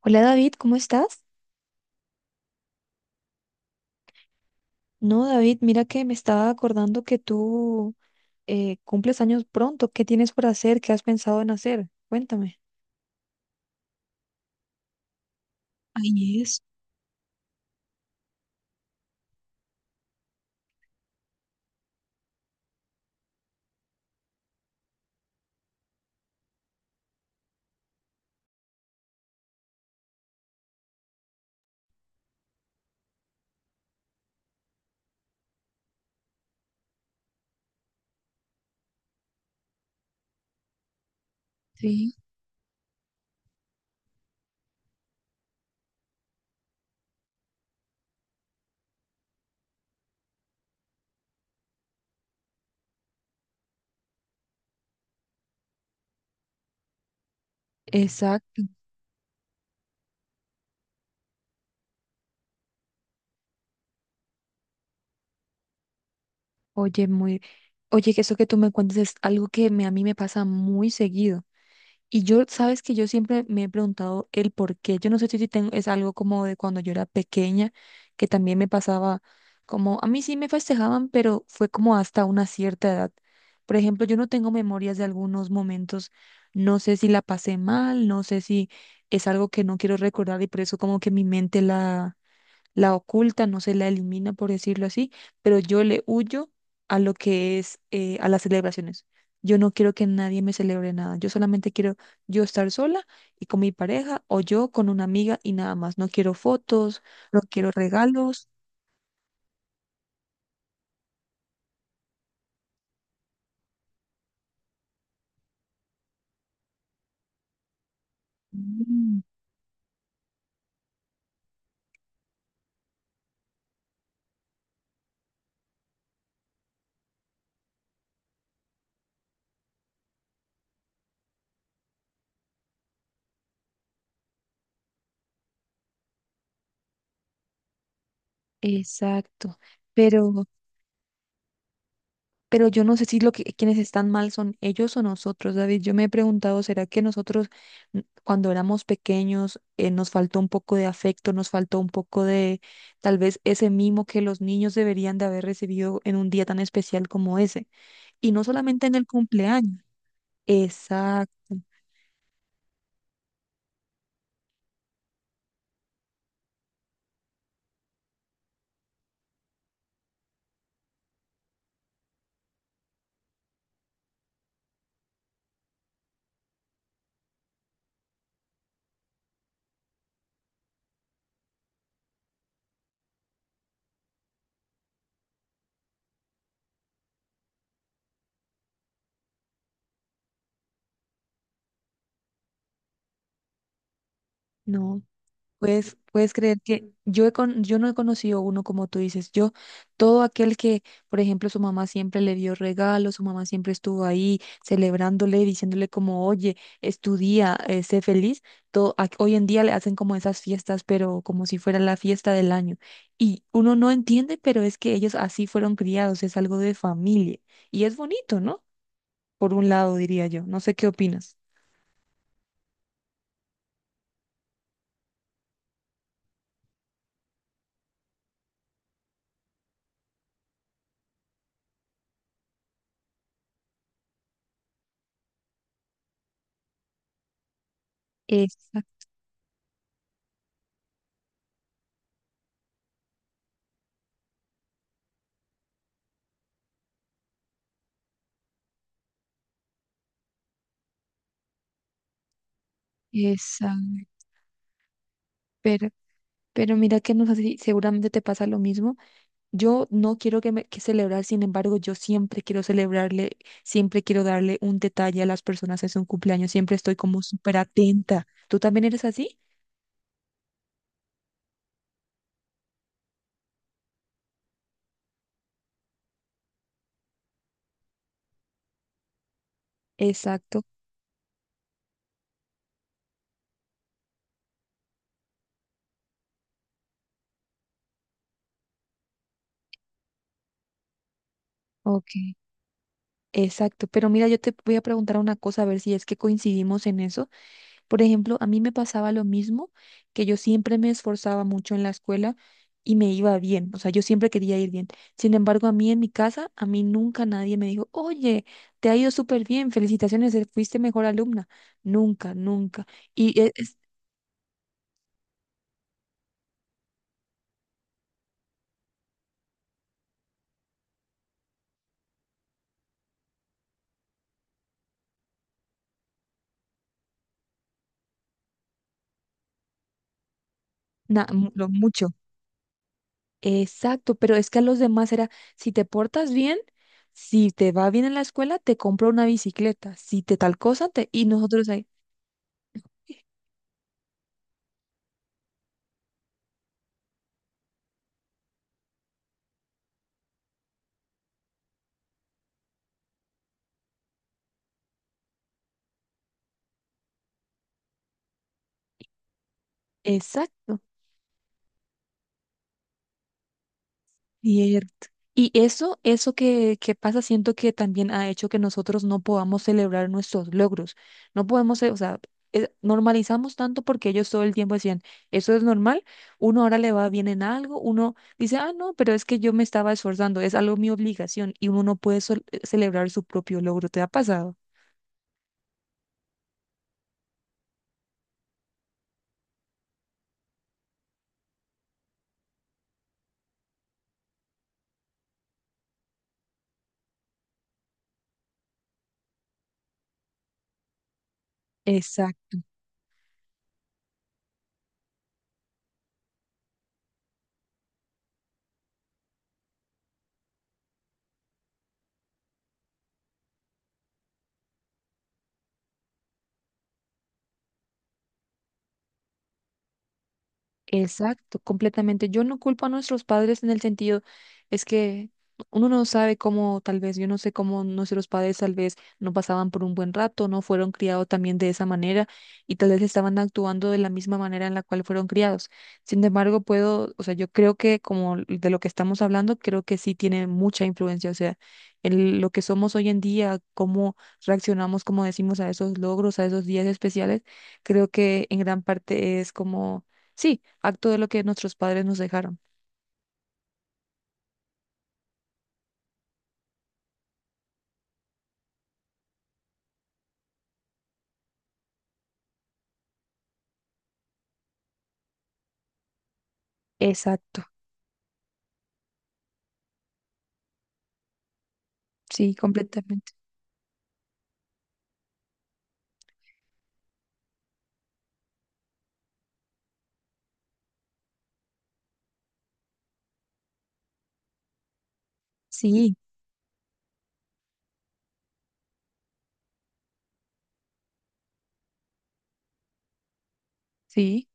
Hola David, ¿cómo estás? No, David, mira que me estaba acordando que tú cumples años pronto. ¿Qué tienes por hacer? ¿Qué has pensado en hacer? Cuéntame. Ahí es, sí, exacto. Oye, muy, Oye, que eso que tú me cuentes es algo que a mí me pasa muy seguido. Y yo, sabes que yo siempre me he preguntado el por qué. Yo no sé si tengo, es algo como de cuando yo era pequeña, que también me pasaba como, a mí sí me festejaban, pero fue como hasta una cierta edad. Por ejemplo, yo no tengo memorias de algunos momentos, no sé si la pasé mal, no sé si es algo que no quiero recordar y por eso como que mi mente la oculta, no se la elimina, por decirlo así, pero yo le huyo a lo que es, a las celebraciones. Yo no quiero que nadie me celebre nada. Yo solamente quiero yo estar sola y con mi pareja o yo con una amiga y nada más. No quiero fotos, no quiero regalos. Mm, exacto. Pero Pero yo no sé si lo que quienes están mal son ellos o nosotros, David. Yo me he preguntado, ¿será que nosotros cuando éramos pequeños nos faltó un poco de afecto, nos faltó un poco de tal vez ese mimo que los niños deberían de haber recibido en un día tan especial como ese? Y no solamente en el cumpleaños. Exacto. No. Puedes creer que yo, yo no he conocido uno como tú dices. Yo, todo aquel que, por ejemplo, su mamá siempre le dio regalos, su mamá siempre estuvo ahí celebrándole, diciéndole como, oye, estudia, sé feliz. Todo, hoy en día le hacen como esas fiestas, pero como si fuera la fiesta del año. Y uno no entiende, pero es que ellos así fueron criados, es algo de familia. Y es bonito, ¿no? Por un lado, diría yo. No sé qué opinas. Exacto, exacto. Pero mira que no sé si seguramente te pasa lo mismo. Yo no quiero que, que celebrar, sin embargo, yo siempre quiero celebrarle, siempre quiero darle un detalle a las personas en su cumpleaños, siempre estoy como súper atenta. ¿Tú también eres así? Exacto, ok, exacto. Pero mira, yo te voy a preguntar una cosa, a ver si es que coincidimos en eso. Por ejemplo, a mí me pasaba lo mismo, que yo siempre me esforzaba mucho en la escuela y me iba bien, o sea, yo siempre quería ir bien. Sin embargo, a mí en mi casa, a mí nunca nadie me dijo, oye, te ha ido súper bien, felicitaciones, fuiste mejor alumna. Nunca, nunca. Y e- es, lo mucho. Exacto, pero es que a los demás era, si te portas bien, si te va bien en la escuela, te compro una bicicleta, si te tal cosa, te... y nosotros ahí. Exacto. Cierto. Y eso, que pasa, siento que también ha hecho que nosotros no podamos celebrar nuestros logros. No podemos, ce- o sea, normalizamos tanto porque ellos todo el tiempo decían, eso es normal, uno ahora le va bien en algo, uno dice, ah, no, pero es que yo me estaba esforzando, es algo mi obligación y uno no puede celebrar su propio logro. ¿Te ha pasado? Exacto. Exacto, completamente. Yo no culpo a nuestros padres en el sentido, es que uno no sabe cómo, tal vez, yo no sé cómo nuestros padres tal vez no pasaban por un buen rato, no fueron criados también de esa manera y tal vez estaban actuando de la misma manera en la cual fueron criados. Sin embargo, puedo, o sea, yo creo que como de lo que estamos hablando, creo que sí tiene mucha influencia, o sea, lo que somos hoy en día, cómo reaccionamos, como decimos, a esos logros, a esos días especiales, creo que en gran parte es como sí, acto de lo que nuestros padres nos dejaron. Exacto, sí, completamente. Sí, sí.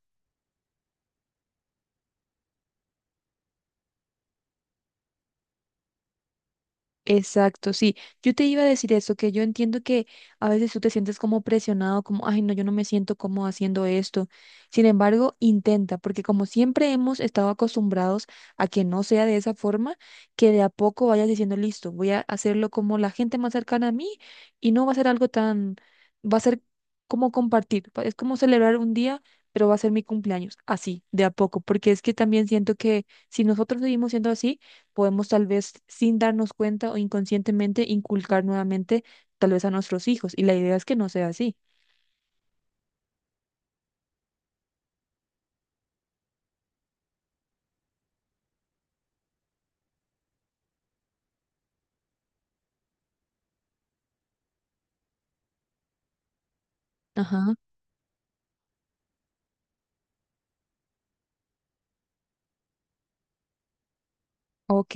Exacto, sí. Yo te iba a decir eso, que yo entiendo que a veces tú te sientes como presionado, como, ay, no, yo no me siento como haciendo esto. Sin embargo, intenta, porque como siempre hemos estado acostumbrados a que no sea de esa forma, que de a poco vayas diciendo, listo, voy a hacerlo como la gente más cercana a mí y no va a ser algo tan, va a ser como compartir, es como celebrar un día, pero va a ser mi cumpleaños, así, de a poco, porque es que también siento que si nosotros seguimos siendo así, podemos tal vez sin darnos cuenta o inconscientemente inculcar nuevamente tal vez a nuestros hijos. Y la idea es que no sea así. Ajá, ok,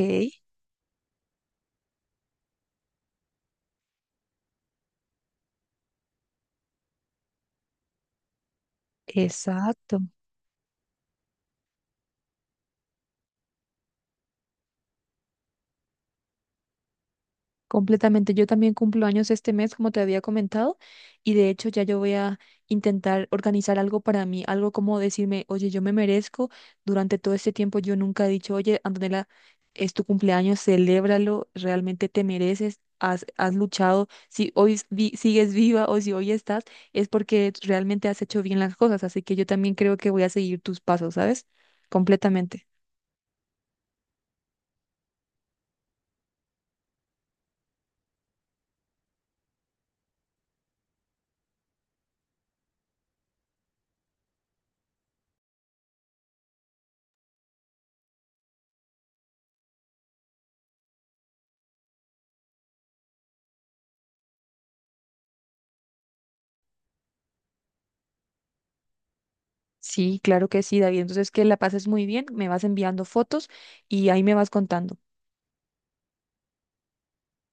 exacto. Completamente. Yo también cumplo años este mes, como te había comentado, y de hecho ya yo voy a intentar organizar algo para mí, algo como decirme, oye, yo me merezco. Durante todo este tiempo yo nunca he dicho, oye, Antonella, es tu cumpleaños, celébralo, realmente te mereces, has, has luchado. Si hoy sigues viva o si hoy estás, es porque realmente has hecho bien las cosas. Así que yo también creo que voy a seguir tus pasos, ¿sabes? Completamente. Sí, claro que sí, David. Entonces, que la pases muy bien, me vas enviando fotos y ahí me vas contando.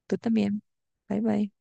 Tú también. Bye bye.